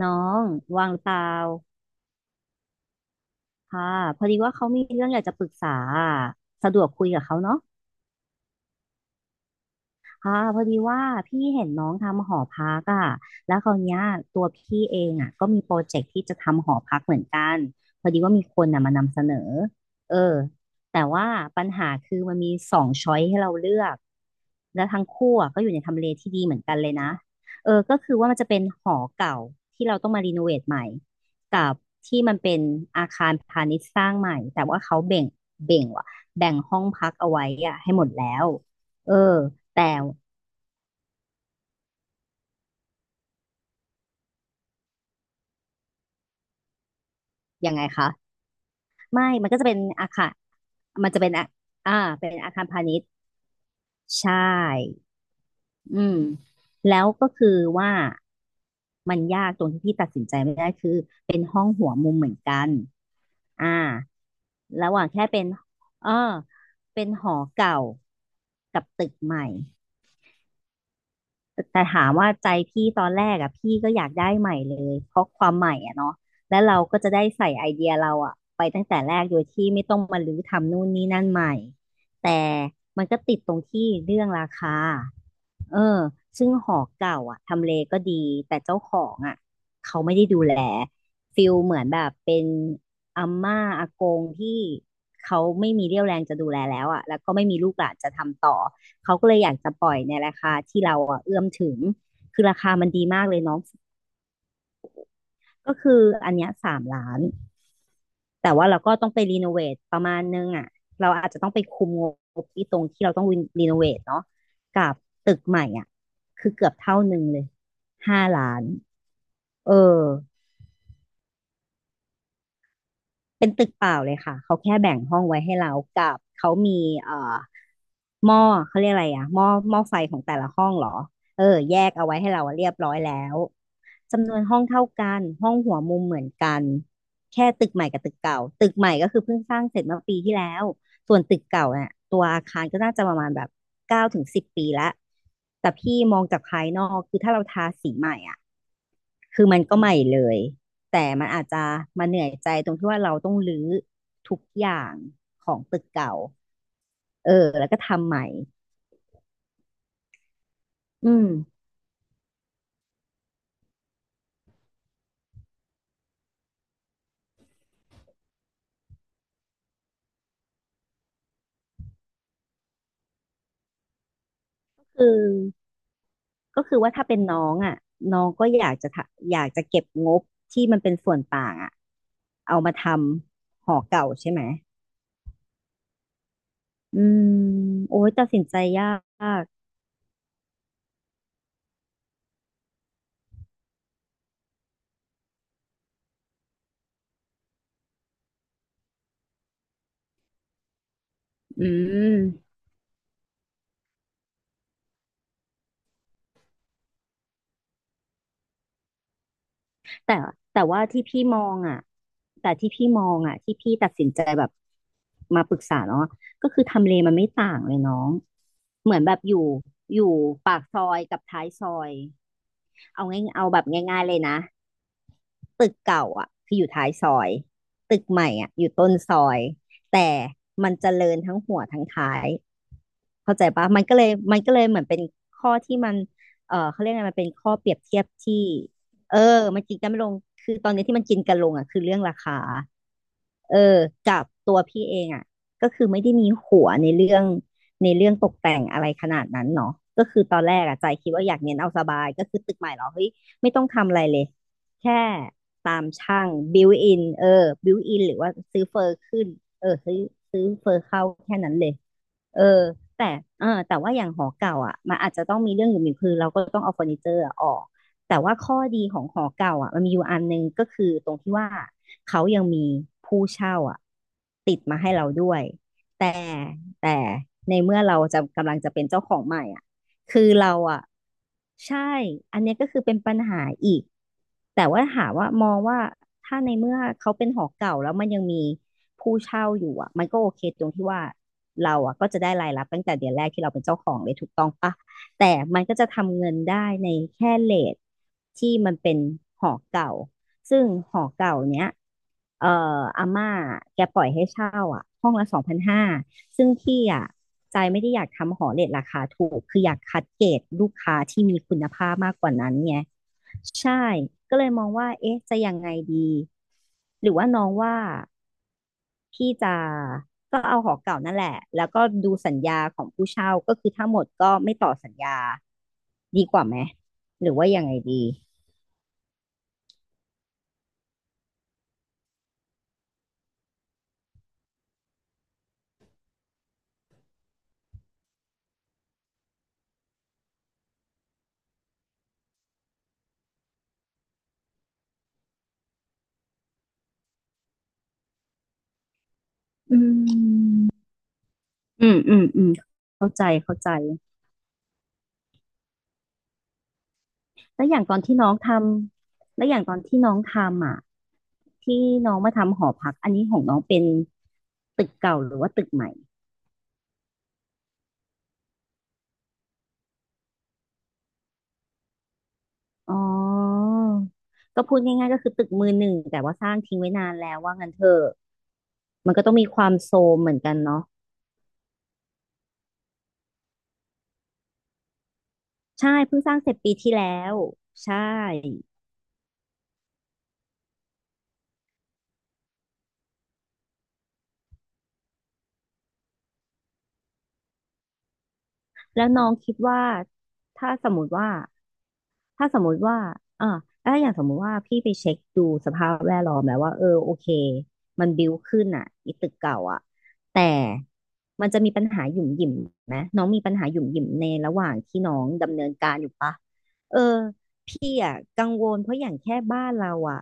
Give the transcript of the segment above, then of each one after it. น้องว่างหรือเปล่าค่ะพอดีว่าเขามีเรื่องอยากจะปรึกษาอะสะดวกคุยกับเขาเนาะ อ่าพอดีว่าพี่เห็นน้องทำหอพักอ่ะแล้วคราวเนี้ยตัวพี่เองอ่ะก็มีโปรเจกต์ที่จะทำหอพักเหมือนกันพอดีว่ามีคนน่ะมานำเสนอเออแต่ว่าปัญหาคือมันมีสองช้อยให้เราเลือก แล้วทั้งคู่อ่ะก็อยู่ในทำเลที่ดีเหมือนกันเลยนะก็คือว่ามันจะเป็นหอเก่าที่เราต้องมารีโนเวทใหม่กับที่มันเป็นอาคารพาณิชย์สร้างใหม่ แต่ว่าเขาแบ่งว่ะแบ่งห้องพักเอาไว้อ่ะให้หมดแล้วเออ แต่ยังไงคะไม่มันก็จะเป็นอาคารมันจะเป็นอาอ่าเป็นอาคารพาณิชย์ใช่อืมแล้วก็คือว่ามันยากตรงที่พี่ตัดสินใจไม่ได้คือเป็นห้องหัวมุมเหมือนกันอ่าระหว่างแค่เป็นเออเป็นหอเก่ากับตึกใหม่ แต่ถามว่าใจพี่ตอนแรกอ่ะพี่ก็อยากได้ใหม่เลยเพราะความใหม่อ่ะเนาะและเราก็จะได้ใส่ไอเดียเราอ่ะไปตั้งแต่แรกโดยที่ไม่ต้องมารื้อทำนู่นนี่นั่นใหม่แต่มันก็ติดตรงที่เรื่องราคา เออซึ่งหอเก่าอ่ะทำเลก็ดี แต่เจ้าของอ่ะเขาไม่ได้ดูแลฟิลเหมือนแบบเป็นอาม่าอากงที่เขาไม่มีเรี่ยวแรงจะดูแลแล้วอ่ะแล้วก็ไม่มีลูกหลานจะทำต่อ เขาก็เลยอยากจะปล่อยในราคาที่เราอ่ะเอื้อมถึง คือราคามันดีมากเลยน้อง ก็คืออันเนี้ย3 ล้านแต่ว่าเราก็ต้องไปรีโนเวทประมาณนึงอ่ะเราอาจจะต้องไปคุมงบที่ตรงที่เราต้องรีโนเวทเนาะกับตึกใหม่อ่ะคือเกือบเท่าหนึ่งเลย5 ล้านเออ เป็นตึกเปล่าเลยค่ะเขาแค่แบ่งห้องไว้ให้เรากับเขามีเอ่อหม้อเขาเรียกอะไรอะหม้อหม้อไฟของแต่ละห้องเหรอเออแยกเอาไว้ให้เราเรียบร้อยแล้วจำนวนห้องเท่ากันห้องหัวมุมเหมือนกันแค่ตึกใหม่กับตึกเก่าตึกใหม่ก็คือเพิ่งสร้างเสร็จเมื่อปีที่แล้วส่วนตึกเก่าเนี่ยตัวอาคารก็น่าจะประมาณแบบ9 ถึง 10 ปีละแต่พี่มองจากภายนอกคือถ้าเราทาสีใหม่อะ คือมันก็ใหม่เลยแต่มันอาจจะมาเหนื่อยใจตรงที่ว่าเราต้องรื้อทุกอย่างของตึกเก่าเออแล้วก็ทำใหม่อืมคือก็คือว่าถ้าเป็นน้องอ่ะน้องก็อยากจะอยากจะเก็บงบที่มันเป็นส่วนต่างอ่ะเอามาทำหอเก่าใช่ไหมอืมโอ้ยตัดสินใจยากอืม แต่แต่ว่าที่พี่มองอ่ะแต่ที่พี่มองอ่ะที่พี่ตัดสินใจแบบมาปรึกษาเนาะก็คือทำเลมันไม่ต่างเลยน้องเหมือนแบบอยู่อยู่ปากซอยกับท้ายซอยเอาง่ายเอาแบบง่ายๆเลยนะ ตึกเก่าอ่ะคืออยู่ท้ายซอยตึกใหม่อ่ะอยู่ต้นซอยแต่มันเจริญทั้งหัวทั้งท้ายเข้าใจปะมันก็เลยเหมือนเป็นข้อที่มันเขาเรียกไงมันเป็นข้อเปรียบเทียบที่เออมันกินกันไม่ลงคือตอนนี้ที่มันกินกันลงอ่ะคือเรื่องราคาเออกับตัวพี่เองอ่ะก็คือไม่ได้มีหัวในเรื่องในเรื่องตกแต่งอะไรขนาดนั้นเนาะก็คือตอนแรกอะใจคิดว่าอยากเน้นเอาสบายก็คือตึกใหม่เหรอเฮ้ยไม่ต้องทำอะไรเลยแค่ ตามช่างบิวอินเออบิวอินหรือว่าซื้อเฟอร์ขึ้นเออซื้อซื้อเฟอร์เข้าแค่นั้นเลยเออแต่แต่ว่าอย่างหอเก่าอ่ะมันอาจจะต้องมีเรื่องอยู่มีคือเราก็ต้องเอาเฟอร์นิเจอร์อะออกแต่ว่าข้อดีของหอเก่าอ่ะมันมีอยู่อันหนึงก็คือตรงที่ว่าเขายังมีผู้เช่าอ่ะติดมาให้เราด้วยแต่แต่ในเมื่อเราจะกำลังจะเป็นเจ้าของใหม่อ่ะ คือเราอ่ะใช่ อันเนี้ยก็คือเป็นปัญหาอีกแต่ว่าหามว่ามองว่าถ้าในเมื่อเขาเป็นหอเก่าแล้วมันยังมีผู้เช่าอยู่อ่ะมันก็โอเคตรงที่ว่าเราอ่ะก็จะได้รายรับตั้งแต่เดือนแรกที่เราเป็นเจ้าของเลยถูกต้องปะ แต่มันก็จะทำเงินได้ในแค่เรทที่มันเป็นหอเก่า ซึ่งหอเก่าเนี้ยเอ่ออาม่าแกปล่อยให้เช่าอ่ะห้องละ2,500ซึ่งพี่อ่ะใจไม่ได้อยากทำหอเรทราคาถูก คืออยากคัดเกรดลูกค้าที่มีคุณภาพมากกว่านั้นไงใช่ก็เลยมองว่าเอ๊ะจะยังไงดี หรือว่าน้องว่าพี่จะก็เอาหอเก่านั่นแหละแล้วก็ดูสัญญาของผู้เช่าก็คือถ้าหมดก็ไม่ต่อสัญญา ดีกว่าไหมหรือว่ายังไงดีอืมอืมอืมอืมเข้าใจ เข้าใจแล้วอย่างตอนที่น้องทำ แล้วอย่างตอนที่น้องทำอ่ะที่น้องมาทำหอพักอันนี้ของน้องเป็นตึกเก่าหรือว่าตึกใหม่อ๋อก็พูดง่ายๆก็คือตึกมือหนึ่งแต่ว่าสร้างทิ้งไว้นานแล้วว่างั้นเถอะ มันก็ต้องมีความโซมเหมือนกันเนาะใช่ เพิ่งสร้างเสร็จปีที่แล้วใช่แล้วน้องคิดว่าถ้าสมมติว่า ถ้าสมมุติว่าอ่าถ้าอย่างสมมุติว่าพี่ไปเช็คดูสภาพแวดล้อมแล้วว่า เออ โอเคมันบิ้วขึ้นอ่ะอีตึกเก่าอ่ะแต่มันจะมีปัญหาหยุ่มหยิมไหมน้องมีปัญหาหยุ่มหยิมในระหว่างที่น้องดำเนินการอยู่ปะเออ พี่อ่ะกังวล เพราะอย่างแค่บ้านเราอ่ะ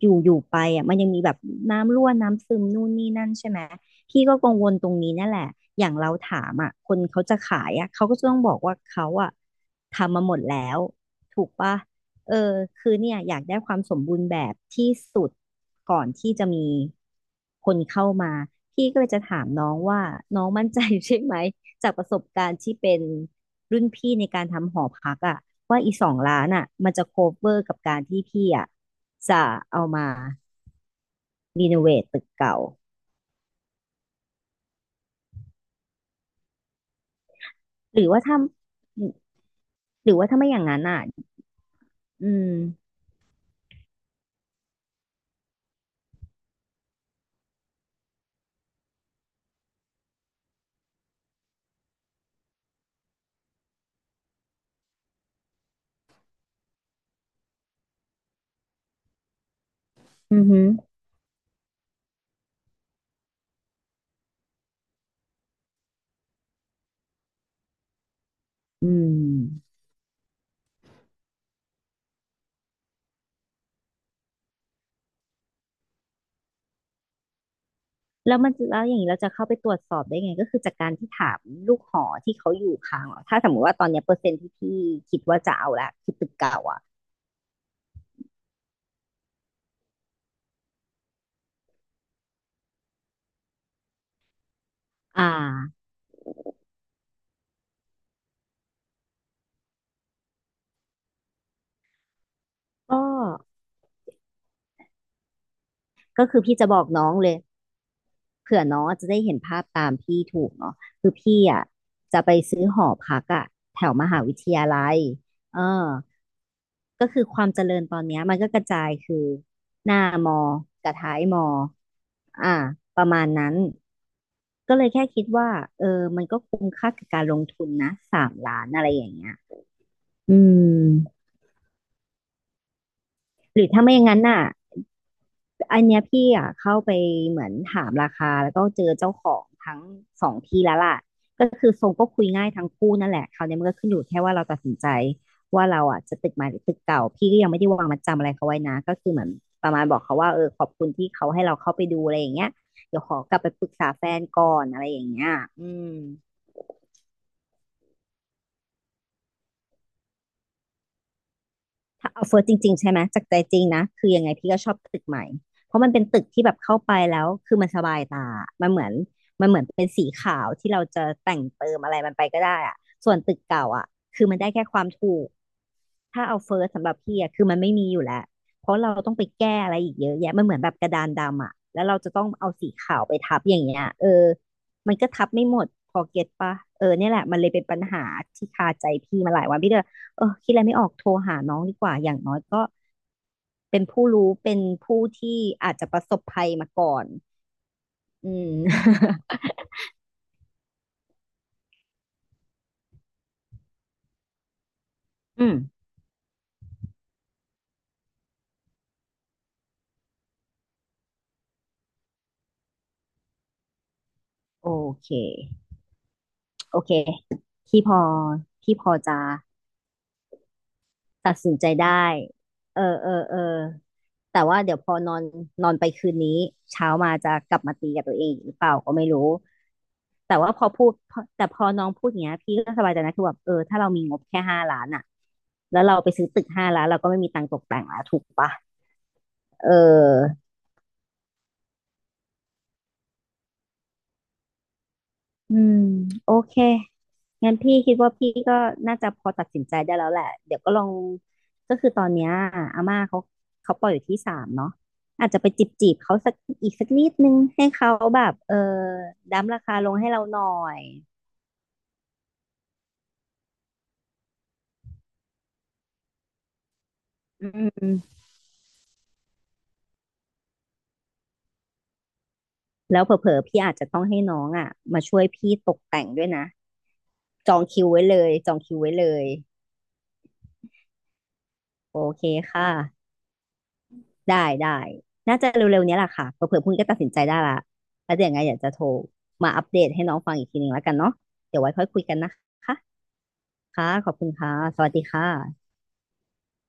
อยู่อยู่ไปอ่ะมันยังมีแบบน้ำรั่วน้ำซึมนู่นนี่นั่นใช่ไหม พี่ก็กังวลตรงนี้นั่นแหละอย่างเราถามอ่ะคนเขาจะขายอ่ะเขาก็จะต้องบอกว่าเขาอ่ะทำมาหมดแล้ว ถูกปะเออคือเนี่ยอยากได้ความสมบูรณ์แบบที่สุดก่อนที่จะมีคนเข้ามา พี่ก็เลยจะถามน้องว่าน้องมั่นใจใช่ไหม จากประสบการณ์ที่เป็นรุ่นพี่ในการทำหอพักอะว่าอี2,000,000อะมันจะโคเวอร์กับการที่พี่อะจะเอามารีโนเวทตึกเก่า หรือว่าถ้าหรือว่าถ้าไม่อย่างนั้นอะอืมอือหืออืม แล้วมันจะแล้วอย่างนี้เราจะเข้าไปตรวจสอบได้ไงก็คือจากการที่ถามลูกหอที่เขาอยู่ค้างเหรอถ้าสมมติว่าตอนเนี้ยเปอร์เซ็นต์ที่พี่คิดว่าจะเอาละคิดตึกเก่าอ่ะอ่าก็ก็คือพี่จะบอกน้องเลยเผื่อน้องจะได้เห็นภาพตามพี่ถูกเนาะคือพี่อ่ะจะไปซื้อหอพักอ่ะแถวมหาวิทยาลัยเออ ก็คือความเจริญตอนเนี้ยมันก็กระจายคือหน้ามอกับท้ายมออ่าประมาณนั้นก็เลยแค่คิดว่าเออมันก็คุ้มค่ากับการลงทุนนะ3,000,000อะไรอย่างเงี้ยอืมหรือถ้าไม่อย่างนั้นน่ะ อันเนี้ยพี่อ่ะเข้าไปเหมือนถามราคาแล้วก็เจอเจ้าของทั้งสองที่แล้วล่ะก็คือทรงก็คุยง่ายทั้งคู่นั่นแหละคราวนี้มันก็ขึ้นอยู่แค่ว่าเราตัดสินใจว่าเราอ่ะจะตึกใหม่หรือตึกเก่าพี่ก็ยังไม่ได้วางมัดจำอะไรเขาไว้นะก็คือเหมือนประมาณบอกเขาว่าเออขอบคุณที่เขาให้เราเข้าไปดูอะไรอย่างเงี้ยเดี๋ยวขอกลับไปปรึกษาแฟนก่อนอะไรอย่างเงี้ยอืม ถ้าเอาเฟิร์สจริงๆใช่ไหมจากใจจริงนะคือยังไงพี่ก็ชอบตึกใหม่เพราะมันเป็นตึกที่แบบเข้าไปแล้วคือมันสบายตามันเหมือนมันเหมือนเป็นสีขาวที่เราจะแต่งเติมอะไรมันไปก็ได้อะส่วนตึกเก่าอะคือมันได้แค่ความถูก ถ้าเอาเฟิร์สสำหรับพี่อะคือมันไม่มีอยู่แล้วเพราะเราต้องไปแก้อะไรอีกเยอะแยะมันเหมือนแบบกระดานดำอะแล้วเราจะต้องเอาสีขาวไปทับอย่างเงี้ยเออมันก็ทับไม่หมดพอเก็ตปะเออเนี่ยแหละมันเลยเป็นปัญหาที่คาใจพี่มาหลายวันพี่ก็เลยเออคิดอะไรไม่ออกโทรหาน้องดีกว่าอย่างน้อยก็เป็นผู้รู้เป็นผู้ที่อาจจะประสบภัยมาก่อนอืม อืม โอเคโอเคพี่พอพี่พอจะ ตัดสินใจได้เออเออเออแต่ว่าเดี๋ยวพอนอนนอนไปคืนนี้เช้ามาจะกลับมาตีกับตัวเองอีกหรือเปล่าก็ไม่รู้ แต่ว่าพอน้องพูดอย่างเงี้ยพี่ก็สบายใจนะคือแบบเออถ้าเรามีงบแค่ห้าล้านอ่ะแล้วเราไปซื้อตึกห้าล้านเราก็ไม่มีตังค์ตกแต่งแล้วถูกปะเออ อืมโอเคงั้นพี่คิดว่าพี่ก็น่าจะพอตัดสินใจได้แล้วแหละเดี๋ยวก็ลองก็คือตอนเนี้ยอาม่าเขาปล่อยอยู่ที่สามเนาะอาจจะไปจีบเขาสักอีกสักนิดนึงให้เขาแบบเออดั้มราคาลงให้เราหน่อยอืมแล้วเผลอๆพี่อาจจะต้องให้น้องอ่ะมาช่วยพี่ตกแต่งด้วยนะจองคิวไว้เลยจองคิวไว้เลยโอเคค่ะ ได้ได้ น่าจะเร็วๆเนี้ยแหละค่ะเผื่อๆพรุ่งนี้ก็ตัดสินใจได้ละแล้วเดี๋ยวยังไงอยากจะโทรมาอัปเดตให้น้องฟังอีกทีหนึ่งแล้วกันเนาะเดี๋ยวไว้ค่อยคุยกันนะคะค่ะ ขอบคุณค่ะ สวัสดีค่ะ